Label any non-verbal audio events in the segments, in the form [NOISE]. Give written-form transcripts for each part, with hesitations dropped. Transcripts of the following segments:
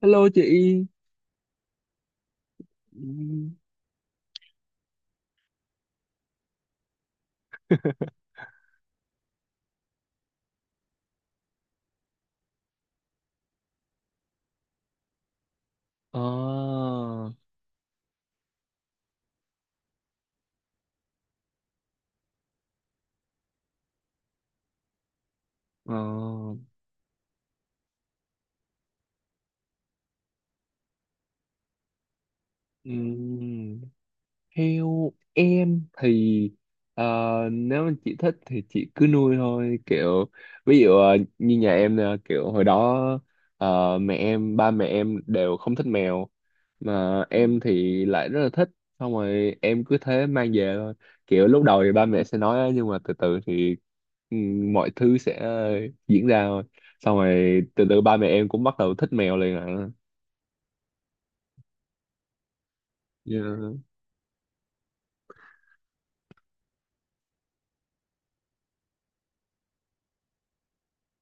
Hello chị. Ừ. Ờ. Ờ. Ừ. Theo em thì ờ, nếu mà chị thích thì chị cứ nuôi thôi, kiểu ví dụ như nhà em nè, kiểu hồi đó mẹ em ba mẹ em đều không thích mèo mà em thì lại rất là thích. Xong rồi em cứ thế mang về thôi, kiểu lúc đầu thì ba mẹ sẽ nói á, nhưng mà từ từ thì ừ, mọi thứ sẽ diễn ra thôi. Xong rồi từ từ ba mẹ em cũng bắt đầu thích mèo liền ạ. Yeah.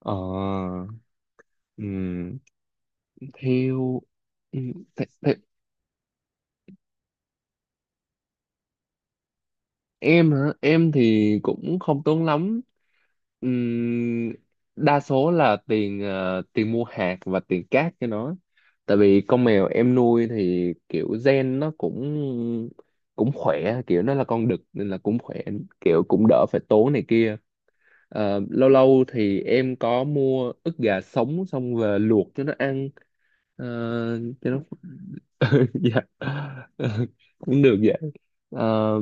Ờ. Ừ. theo ừ, th th Em hả? Em thì cũng không tốn lắm. Ừm, Đa số là tiền tiền mua hạt và tiền cát cho nó. Tại vì con mèo em nuôi thì kiểu gen nó cũng cũng khỏe, kiểu nó là con đực nên là cũng khỏe, kiểu cũng đỡ phải tốn này kia. Ờ, lâu lâu thì em có mua ức gà sống xong về luộc cho nó ăn. ờ, cho nó [LAUGHS] dạ [LAUGHS] cũng được vậy. Ờ.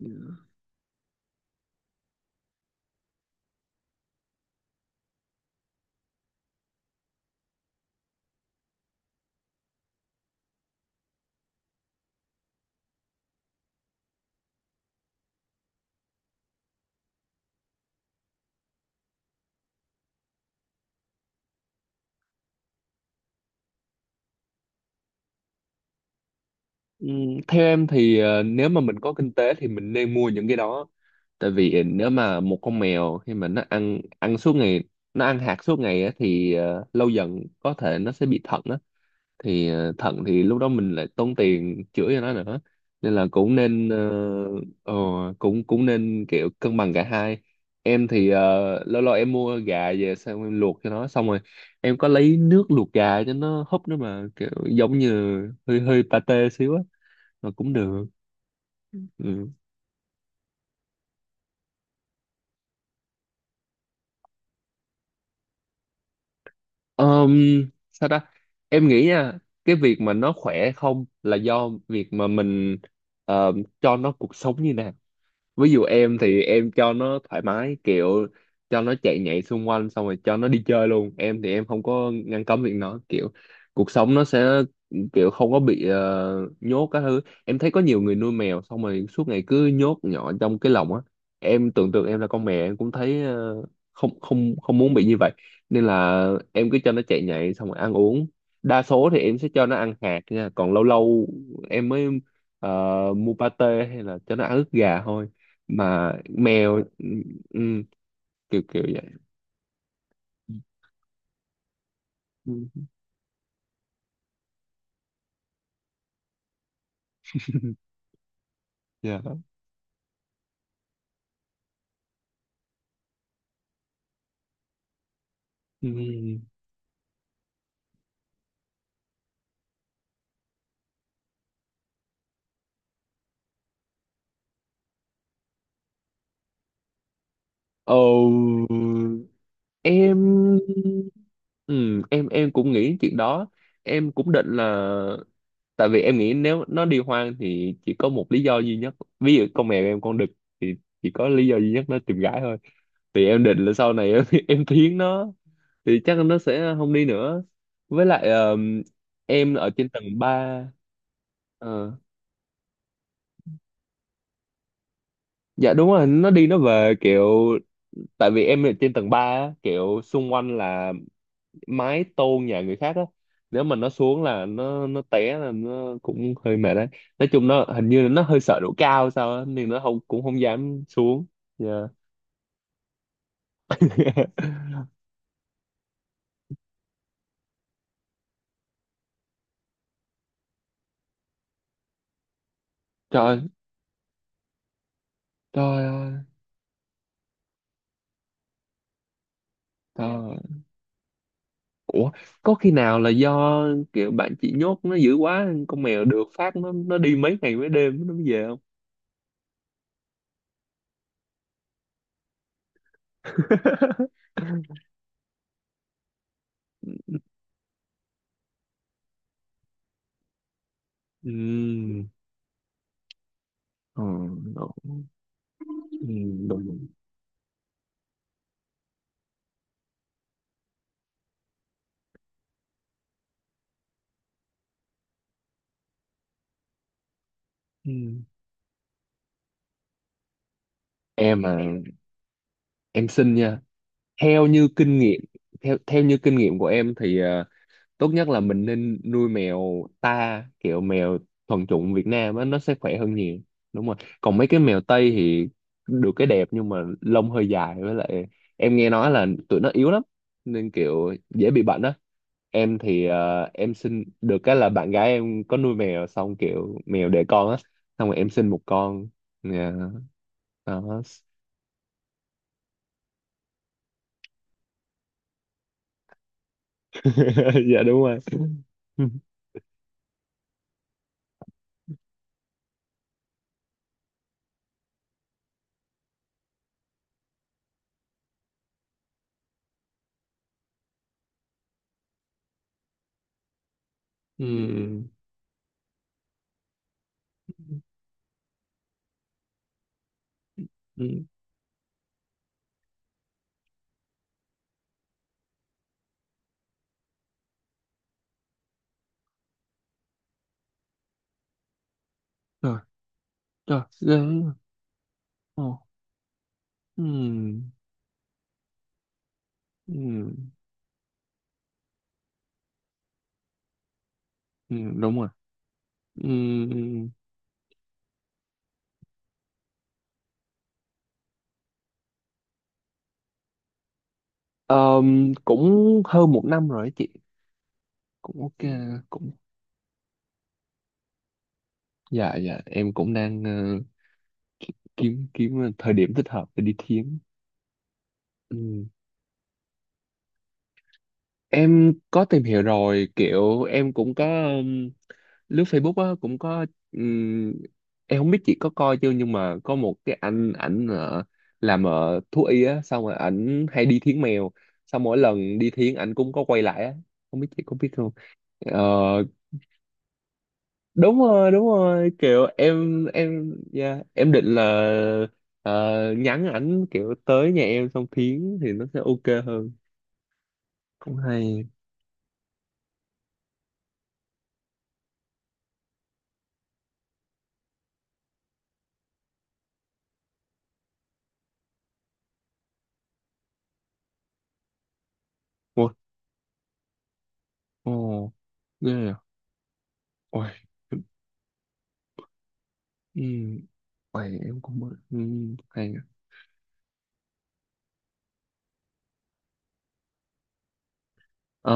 Ừm. Theo em thì nếu mà mình có kinh tế thì mình nên mua những cái đó. Tại vì nếu mà một con mèo khi mà nó ăn ăn suốt ngày, nó ăn hạt suốt ngày á, thì lâu dần có thể nó sẽ bị thận á. Thì thận thì lúc đó mình lại tốn tiền chữa cho nó nữa. Nên là cũng nên ờ, cũng cũng nên kiểu cân bằng cả hai. Em thì lâu lâu em mua gà về xong em luộc cho nó, xong rồi em có lấy nước luộc gà cho nó húp nữa, mà kiểu giống như hơi hơi pate xíu á. Mà cũng được. Ừ. Ờm, Sao ta? Em nghĩ nha, cái việc mà nó khỏe không là do việc mà mình ờ, cho nó cuộc sống như nào. Ví dụ em thì em cho nó thoải mái, kiểu cho nó chạy nhảy xung quanh xong rồi cho nó đi chơi luôn. Em thì em không có ngăn cấm việc nó, kiểu cuộc sống nó sẽ kiểu không có bị nhốt các thứ. Em thấy có nhiều người nuôi mèo xong rồi suốt ngày cứ nhốt nhỏ trong cái lồng á. Em tưởng tượng em là con mèo em cũng thấy không, không, không muốn bị như vậy. Nên là em cứ cho nó chạy nhảy xong rồi ăn uống. Đa số thì em sẽ cho nó ăn hạt nha, còn lâu lâu em mới ờ, mua pate hay là cho nó ăn ức gà thôi. Mà mèo. Ừ. Ừ. kiểu kiểu vậy. Ừ. [LAUGHS] Dạ. Ừ. Ồ, em em cũng nghĩ chuyện đó, em cũng định là, tại vì em nghĩ nếu nó đi hoang thì chỉ có một lý do duy nhất. Ví dụ con mèo em con đực thì chỉ có lý do duy nhất nó tìm gái thôi. Thì em định là sau này em [LAUGHS] em thiến nó thì chắc nó sẽ không đi nữa. Với lại em ở trên tầng 3. Ờ. Dạ đúng rồi, nó đi nó về, kiểu tại vì em ở trên tầng 3 á, kiểu xung quanh là mái tôn nhà người khác á. Nếu mà nó xuống là nó té là nó cũng hơi mệt đấy. Nói chung nó hình như nó hơi sợ độ cao sao á nên nó không, cũng không dám xuống. Dạ. [LAUGHS] Trời, trời ơi, trời ơi. Ủa, có khi nào là do kiểu bạn chị nhốt nó dữ quá, con mèo được phát nó đi mấy ngày mấy đêm nó mới về không? [LAUGHS] Ừm. Ờ. Ừ. Đúng đúng. Ừ. em mà Em xin nha. Theo như kinh nghiệm theo theo như kinh nghiệm của em thì tốt nhất là mình nên nuôi mèo ta, kiểu mèo thuần chủng Việt Nam á, nó sẽ khỏe hơn nhiều. Đúng rồi. Còn mấy cái mèo Tây thì được cái đẹp nhưng mà lông hơi dài, với lại em nghe nói là tụi nó yếu lắm nên kiểu dễ bị bệnh á. Em thì em xin được cái là bạn gái em có nuôi mèo, xong kiểu mèo đẻ con á, xong rồi em xin một con. Dạ, đó. [LAUGHS] Dạ đúng rồi. [LAUGHS] Ừ. Ừ. Rồi. Rồi ghê. Ồ. Ừ. Ừ. Ừ. Đúng rồi. Ừ. Cũng hơn một năm rồi á chị. Cũng ok. cũng dạ dạ, em cũng đang ki- kiếm kiếm thời điểm thích hợp để đi thiến. Ừ. Em có tìm hiểu rồi, kiểu em cũng có lướt Facebook á, cũng có. ừm, em không biết chị có coi chưa, nhưng mà có một cái anh ảnh làm thú y á, xong rồi ảnh hay đi thiến mèo, xong mỗi lần đi thiến ảnh cũng có quay lại á. Không biết chị có biết không. Ờ, đúng rồi, đúng rồi, kiểu em yeah, em định là ờ, nhắn ảnh kiểu tới nhà em xong thiến thì nó sẽ ok hơn. Cũng hay. Ôi. Ồ. Ghê à. Ôi. Ừm. Ôi em cũng hay. Ờ,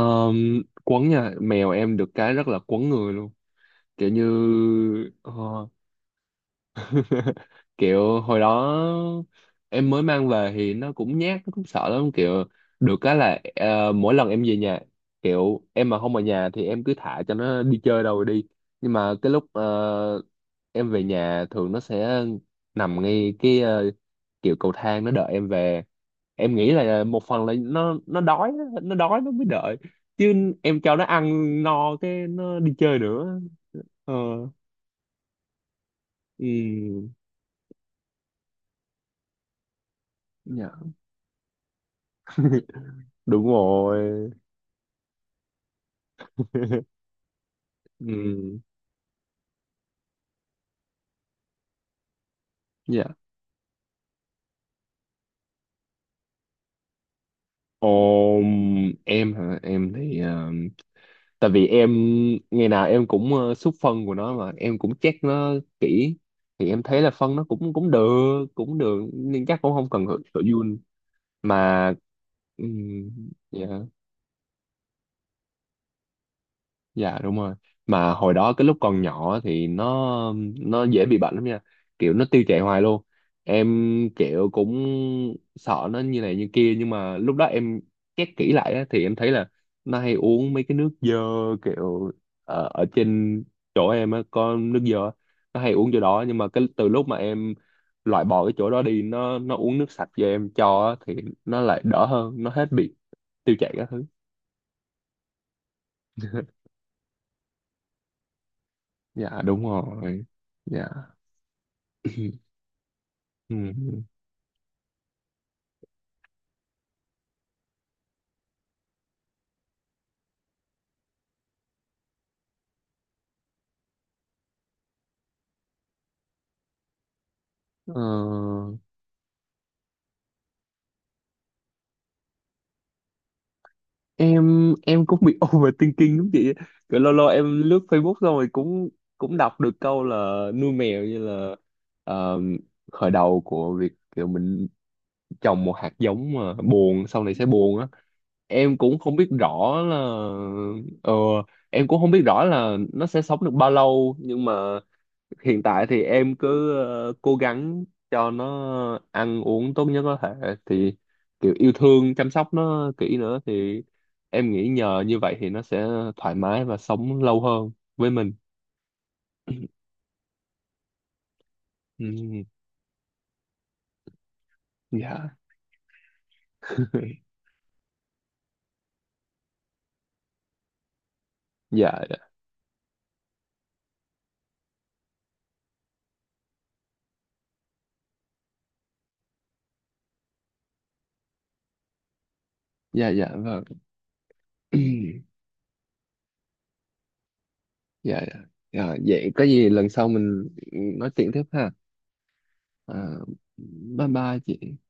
quấn nha, mèo em được cái rất là quấn người luôn, kiểu như ờ, [LAUGHS] kiểu hồi đó em mới mang về thì nó cũng nhát, nó cũng sợ lắm, kiểu được cái là mỗi lần em về nhà, kiểu em mà không ở nhà thì em cứ thả cho nó đi chơi đâu rồi đi, nhưng mà cái lúc em về nhà thường nó sẽ nằm ngay cái kiểu cầu thang nó đợi em về. Em nghĩ là một phần là nó đói á, nó đói nó mới đợi, chứ em cho nó ăn no cái nó đi chơi nữa. Ờ. Ừ. Dạ, đúng rồi. [LAUGHS] Ừ. Dạ. Ôm em hả? Em thì tại vì em ngày nào em cũng xúc phân của nó mà em cũng check nó kỹ. Thì em thấy là phân nó cũng cũng được cũng được, nên chắc cũng không cần phải phải giun mà. um, Dạ đúng rồi. Mà hồi đó cái lúc còn nhỏ thì nó dễ bị bệnh lắm nha. Kiểu nó tiêu chảy hoài luôn. Em kiểu cũng sợ nó như này như kia, nhưng mà lúc đó em check kỹ lại á, thì em thấy là nó hay uống mấy cái nước dơ, kiểu ở, ở trên chỗ em á có nước dơ, nó hay uống chỗ đó. Nhưng mà cái từ lúc mà em loại bỏ cái chỗ đó đi nó uống nước sạch cho em cho á, thì nó lại đỡ hơn, nó hết bị tiêu chảy các thứ. [LAUGHS] Dạ đúng rồi. Dạ. [LAUGHS] Ừ. Ờ, em cũng bị [LAUGHS] overthinking lắm chị. Kiểu lâu lâu em lướt Facebook xong rồi cũng cũng đọc được câu là nuôi mèo như là ờ, khởi đầu của việc kiểu mình trồng một hạt giống mà buồn, sau này sẽ buồn á. Em cũng không biết rõ là ờ, em cũng không biết rõ là nó sẽ sống được bao lâu, nhưng mà hiện tại thì em cứ cố gắng cho nó ăn uống tốt nhất có thể thì kiểu yêu thương chăm sóc nó kỹ nữa thì em nghĩ nhờ như vậy thì nó sẽ thoải mái và sống lâu hơn với mình. Ừ. Dạ. [LAUGHS] Dạ. Dạ dạ vâng. [CLEARS THROAT] Dạ dạ. Dạ, vậy có gì lần sau mình nói chuyện tiếp ha. À, bye bye chị.